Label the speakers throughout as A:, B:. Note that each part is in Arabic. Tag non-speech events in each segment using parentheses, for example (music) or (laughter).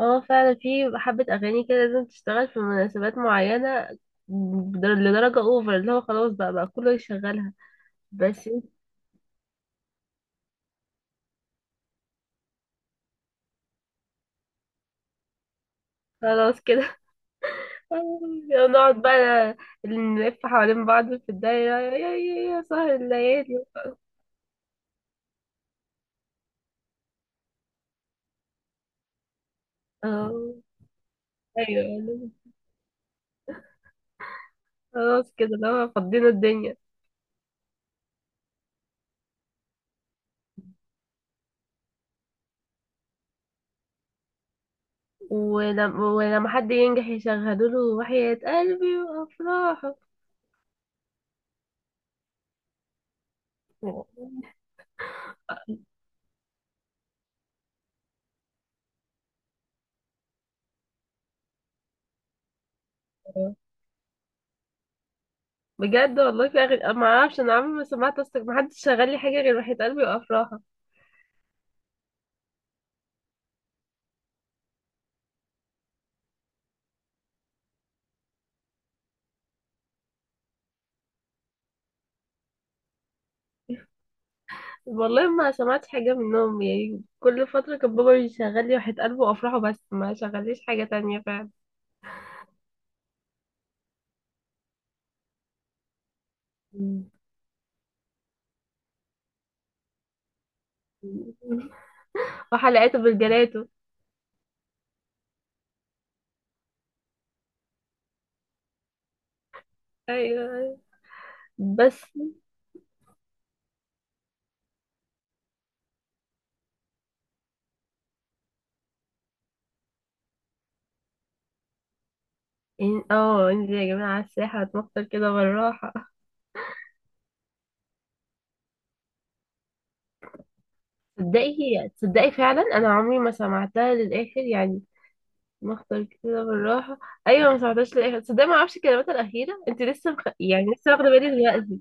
A: اه، فعلا في حبة أغاني كده لازم تشتغل في مناسبات معينة. لدرجة اوفر اللي هو خلاص بقى كله يشغلها. بس خلاص كده. (laughs) نقعد بقى نلف حوالين بعض في الدايرة، يا يا يا يا سهر الليالي. اه، ايوه، خلاص كده اللي هو فضينا الدنيا. ولما حد ينجح يشغلوا له وحياة قلبي وأفراحه. بجد والله في أغاني أنا ما اعرفش، انا عمري ما سمعت اصلا، ما حدش شغال لي حاجه غير وحيد قلبي وافراح. والله ما سمعت حاجه منهم يعني، كل فتره كان بابا يشغل لي وحيد قلبي وافراح بس ما شغليش حاجه تانية فعلا. (laughs) وحلقاته بالجلاته. ايوه، أيوة. بس انزل يا جماعه على الساحه هتمطر كده بالراحه. تصدقي فعلا، انا عمري ما سمعتها للاخر يعني. مختار كده بالراحه. ايوه ما سمعتهاش للاخر، تصدقي ما اعرفش الكلمات الاخيره. انت لسه يعني لسه واخده بالي دلوقتي.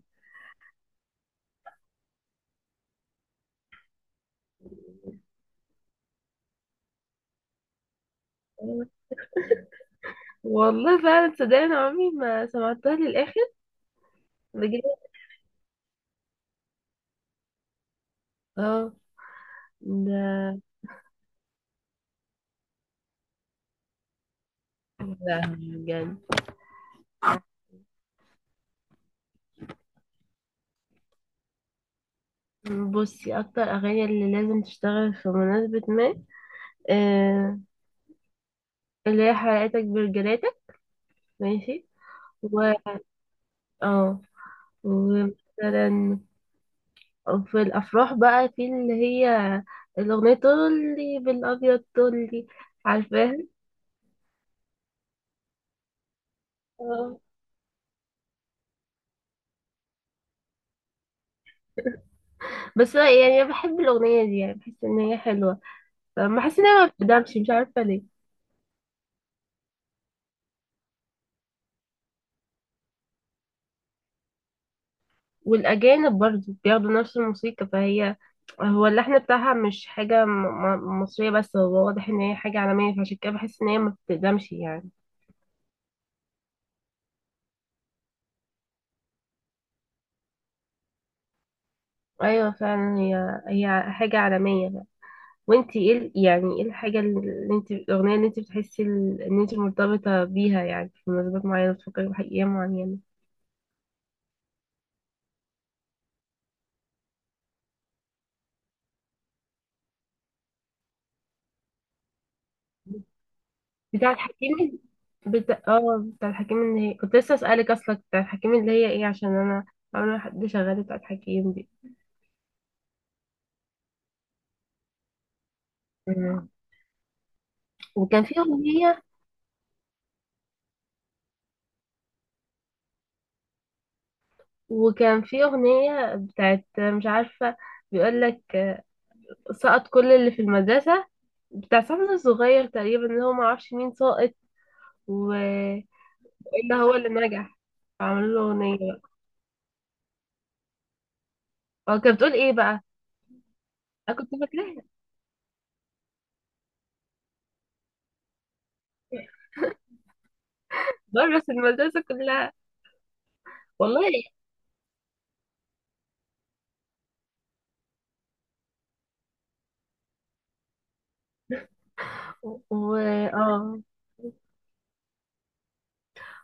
A: والله فعلا تصدقني، انا عمري ما سمعتها للاخر. بجد. اه. ده. لا بجد. بصي اكتر اغاني اللي لازم تشتغل في مناسبة ما، آه، اللي هي حلقتك برجلاتك. ماشي. و اه، ومثلا في الافراح بقى في اللي هي الاغنية طولي بالابيض طولي، عارفاها؟ اه، بس يعني انا بحب الاغنية دي، يعني بحس ان هي حلوة، فما حاسة ان هي ما بتدمش، مش عارفة ليه. والأجانب برضو بياخدوا نفس الموسيقى، فهي هو اللحن بتاعها مش حاجة مصرية، بس هو واضح إن هي حاجة عالمية، فعشان كده بحس إن هي ما بتقدمش يعني. أيوة، فعلا هي هي حاجة عالمية بقى. وانتي ايه يعني ايه الحاجة اللي انت الأغنية اللي انت بتحسي إن انت مرتبطة بيها يعني، في مناسبات معينة بتفكري بأيام معينة؟ بتاعت حكيم. بتاعت حكيم اللي هي كنت لسه أسألك، أصلا بتاعت حكيم اللي هي ايه، عشان أنا أول ما حد شغال بتاعت حكيم دي. وكان في أغنية، وكان في أغنية بتاعت مش عارفة، بيقول لك سقط كل اللي في المدرسة، بتاع صاحبنا الصغير تقريبا، اللي هو معرفش مين ساقط وإلا هو اللي نجح، فعملوا له أغنية بقى. هو كانت بتقول إيه بقى؟ أنا كنت فاكراها، برس المدرسة كلها. والله. و... آه.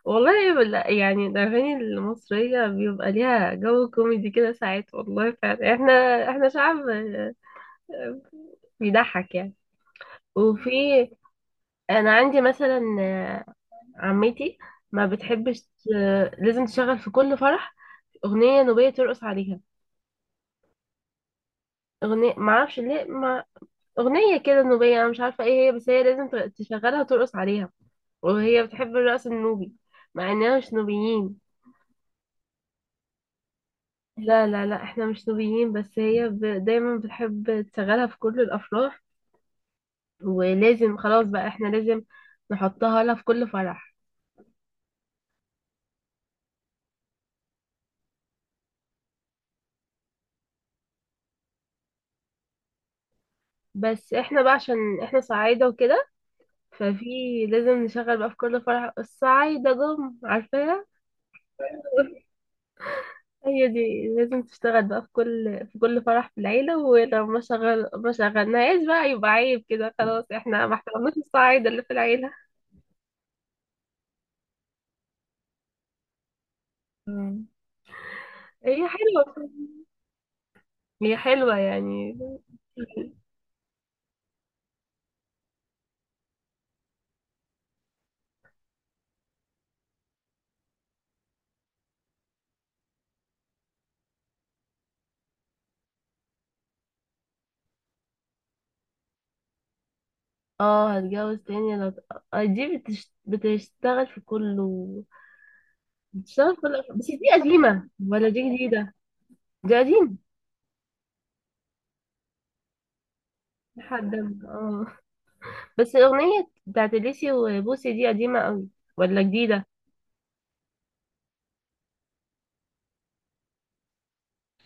A: والله يعني الأغاني المصرية بيبقى ليها جو كوميدي كده ساعات، والله فعلا احنا، احنا شعب بيضحك يعني. وفي، انا عندي مثلا، آه، عمتي ما بتحبش، آه، لازم تشغل في كل فرح اغنيه نوبيه ترقص عليها. اغنيه ما اعرفش ليه ما، اغنيه كده نوبيه، انا مش عارفه ايه هي، بس هي لازم تشغلها وترقص عليها. وهي بتحب الرقص النوبي مع اننا مش نوبيين. لا لا لا، احنا مش نوبيين، بس هي دايما بتحب تشغلها في كل الافراح، ولازم خلاص بقى احنا لازم نحطها لها في كل فرح. بس احنا بقى عشان احنا صعايدة وكده، ففي، لازم نشغل بقى في كل فرح الصعايدة جم، عارفاها؟ (laughs) هي دي لازم تشتغل بقى في كل فرح في العيلة، ولو ما شغل ما شغلناهاش بقى يبقى عيب كده، خلاص احنا ما احترمناش الصعايدة اللي في العيلة. مم. هي حلوة. هي حلوة يعني. اه هتجوز تاني لو، آه، دي بتشتغل في كله. بتشتغل في كل، بس دي قديمة ولا دي جديدة؟ دي قديمة. لحد ما- اه بس الاغنيه بتاعت اليسي وبوسي دي قديمه قوي ولا جديده؟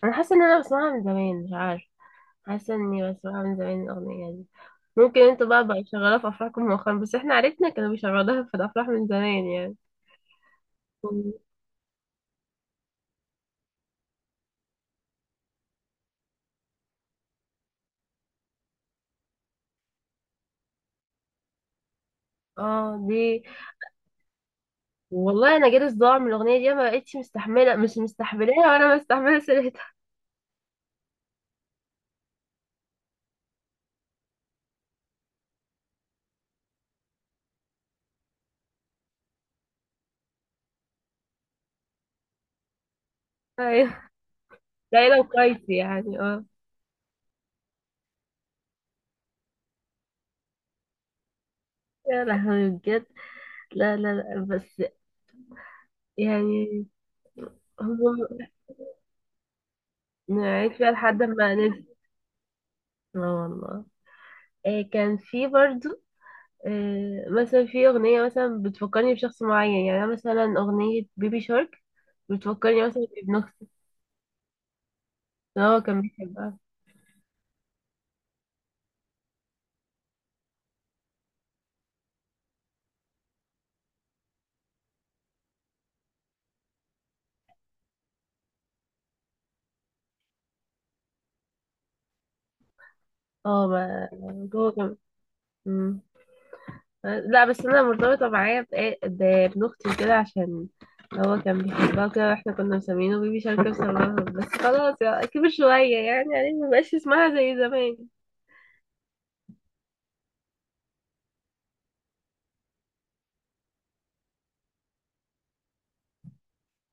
A: انا حاسه ان انا بسمعها من زمان، مش عارفه. حاسه اني بسمعها من زمان الاغنيه دي. ممكن انتوا بقى شغاله في افراحكم مؤخرا، بس احنا عرفنا كانوا بيشغلوها في الافراح من زمان يعني. اه دي. والله انا جالي صداع من الاغنيه دي، ما بقتش مستحمله، مش مستحملاها ولا مستحمله سيرتها. ايوه، ليلى وقيسي يعني، اه. يا لهوي، بجد. لا لا لا، بس يعني. هم. نعيش فيها لحد ما ننسى. اه والله. آه، كان في برضو، آه، مثلا في أغنية مثلا بتفكرني بشخص معين، يعني أنا مثلا أغنية بيبي شارك بتفكرني مثلا بابن أختي، إن هو كان بيحبها. اه ما هو كان. مم. لا بس أنا مرتبطة معايا بابن أختي وكده، عشان هو كان بيحبها وكده، واحنا كنا مسمينه بيبي شارك بسببها، بس خلاص يعني كبر شوية يعني، يعني مبقاش اسمها زي زمان.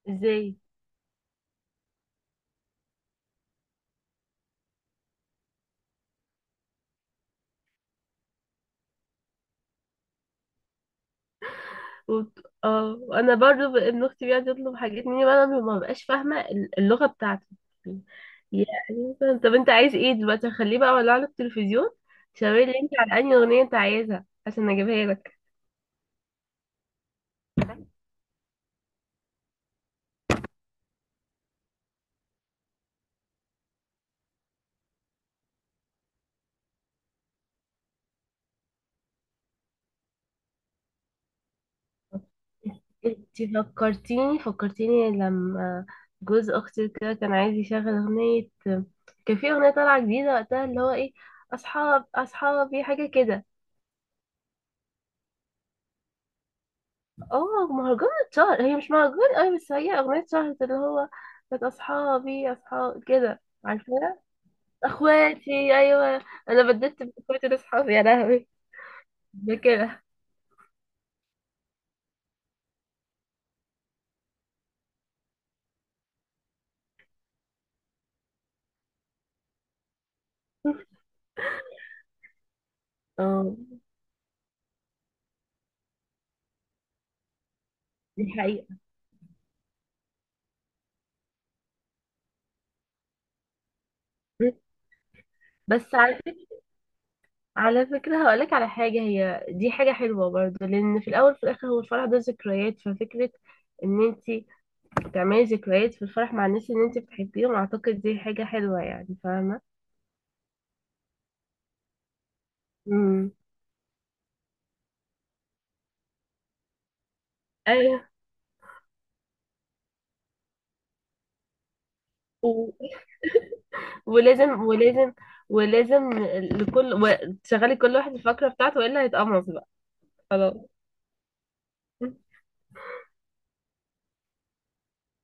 A: ازاي؟ وانا برضو ابن اختي بيقعد يطلب حاجات مني، وانا ما ببقاش فاهمه اللغه بتاعته. يعني مثلا، طب انت عايز ايه دلوقتي خليه بقى ولا على التلفزيون، شاور لي انت على انهي اغنيه انت عايزها عشان اجيبها لك. انت فكرتيني لما جوز اختي كده كان عايز يشغل اغنيه، كان في اغنيه طالعه جديده وقتها اللي هو ايه، اصحابي حاجه كده. اه، مهرجان اتشهر، هي مش مهرجان أوي بس هي اغنية اتشهرت اللي هو كانت اصحابي اصحاب كده، عارفاها؟ اخواتي. ايوه انا بديت باخواتي لاصحابي، يا لهوي. ده كده. (laughs) اه دي حقيقة. بس على فكرة، على فكرة هقولك على حاجة، هي دي حاجة حلوة برضه، لأن في الأول وفي الآخر هو الفرح ده ذكريات، ففكرة إن أنتي تعملي ذكريات في الفرح مع الناس اللي أنتي بتحبيهم أعتقد دي حاجة حلوة يعني، فاهمة؟ امم. أيوه. ولازم ولازم ولازم لكل، تشغلي كل واحد الفقرة بتاعته والا هيتقمص بقى. خلاص. (laughs)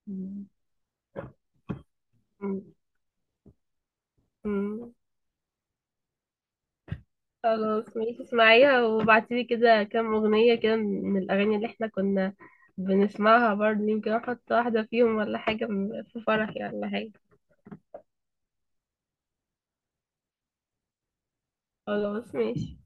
A: مم. م- م- خلاص، ماشي اسمعيها وابعتيلي كده كام أغنية كده من الأغاني اللي احنا كنا بنسمعها برضه، يمكن احط واحدة فيهم ولا حاجة في فرحي ولا حاجة. خلاص، ماشي.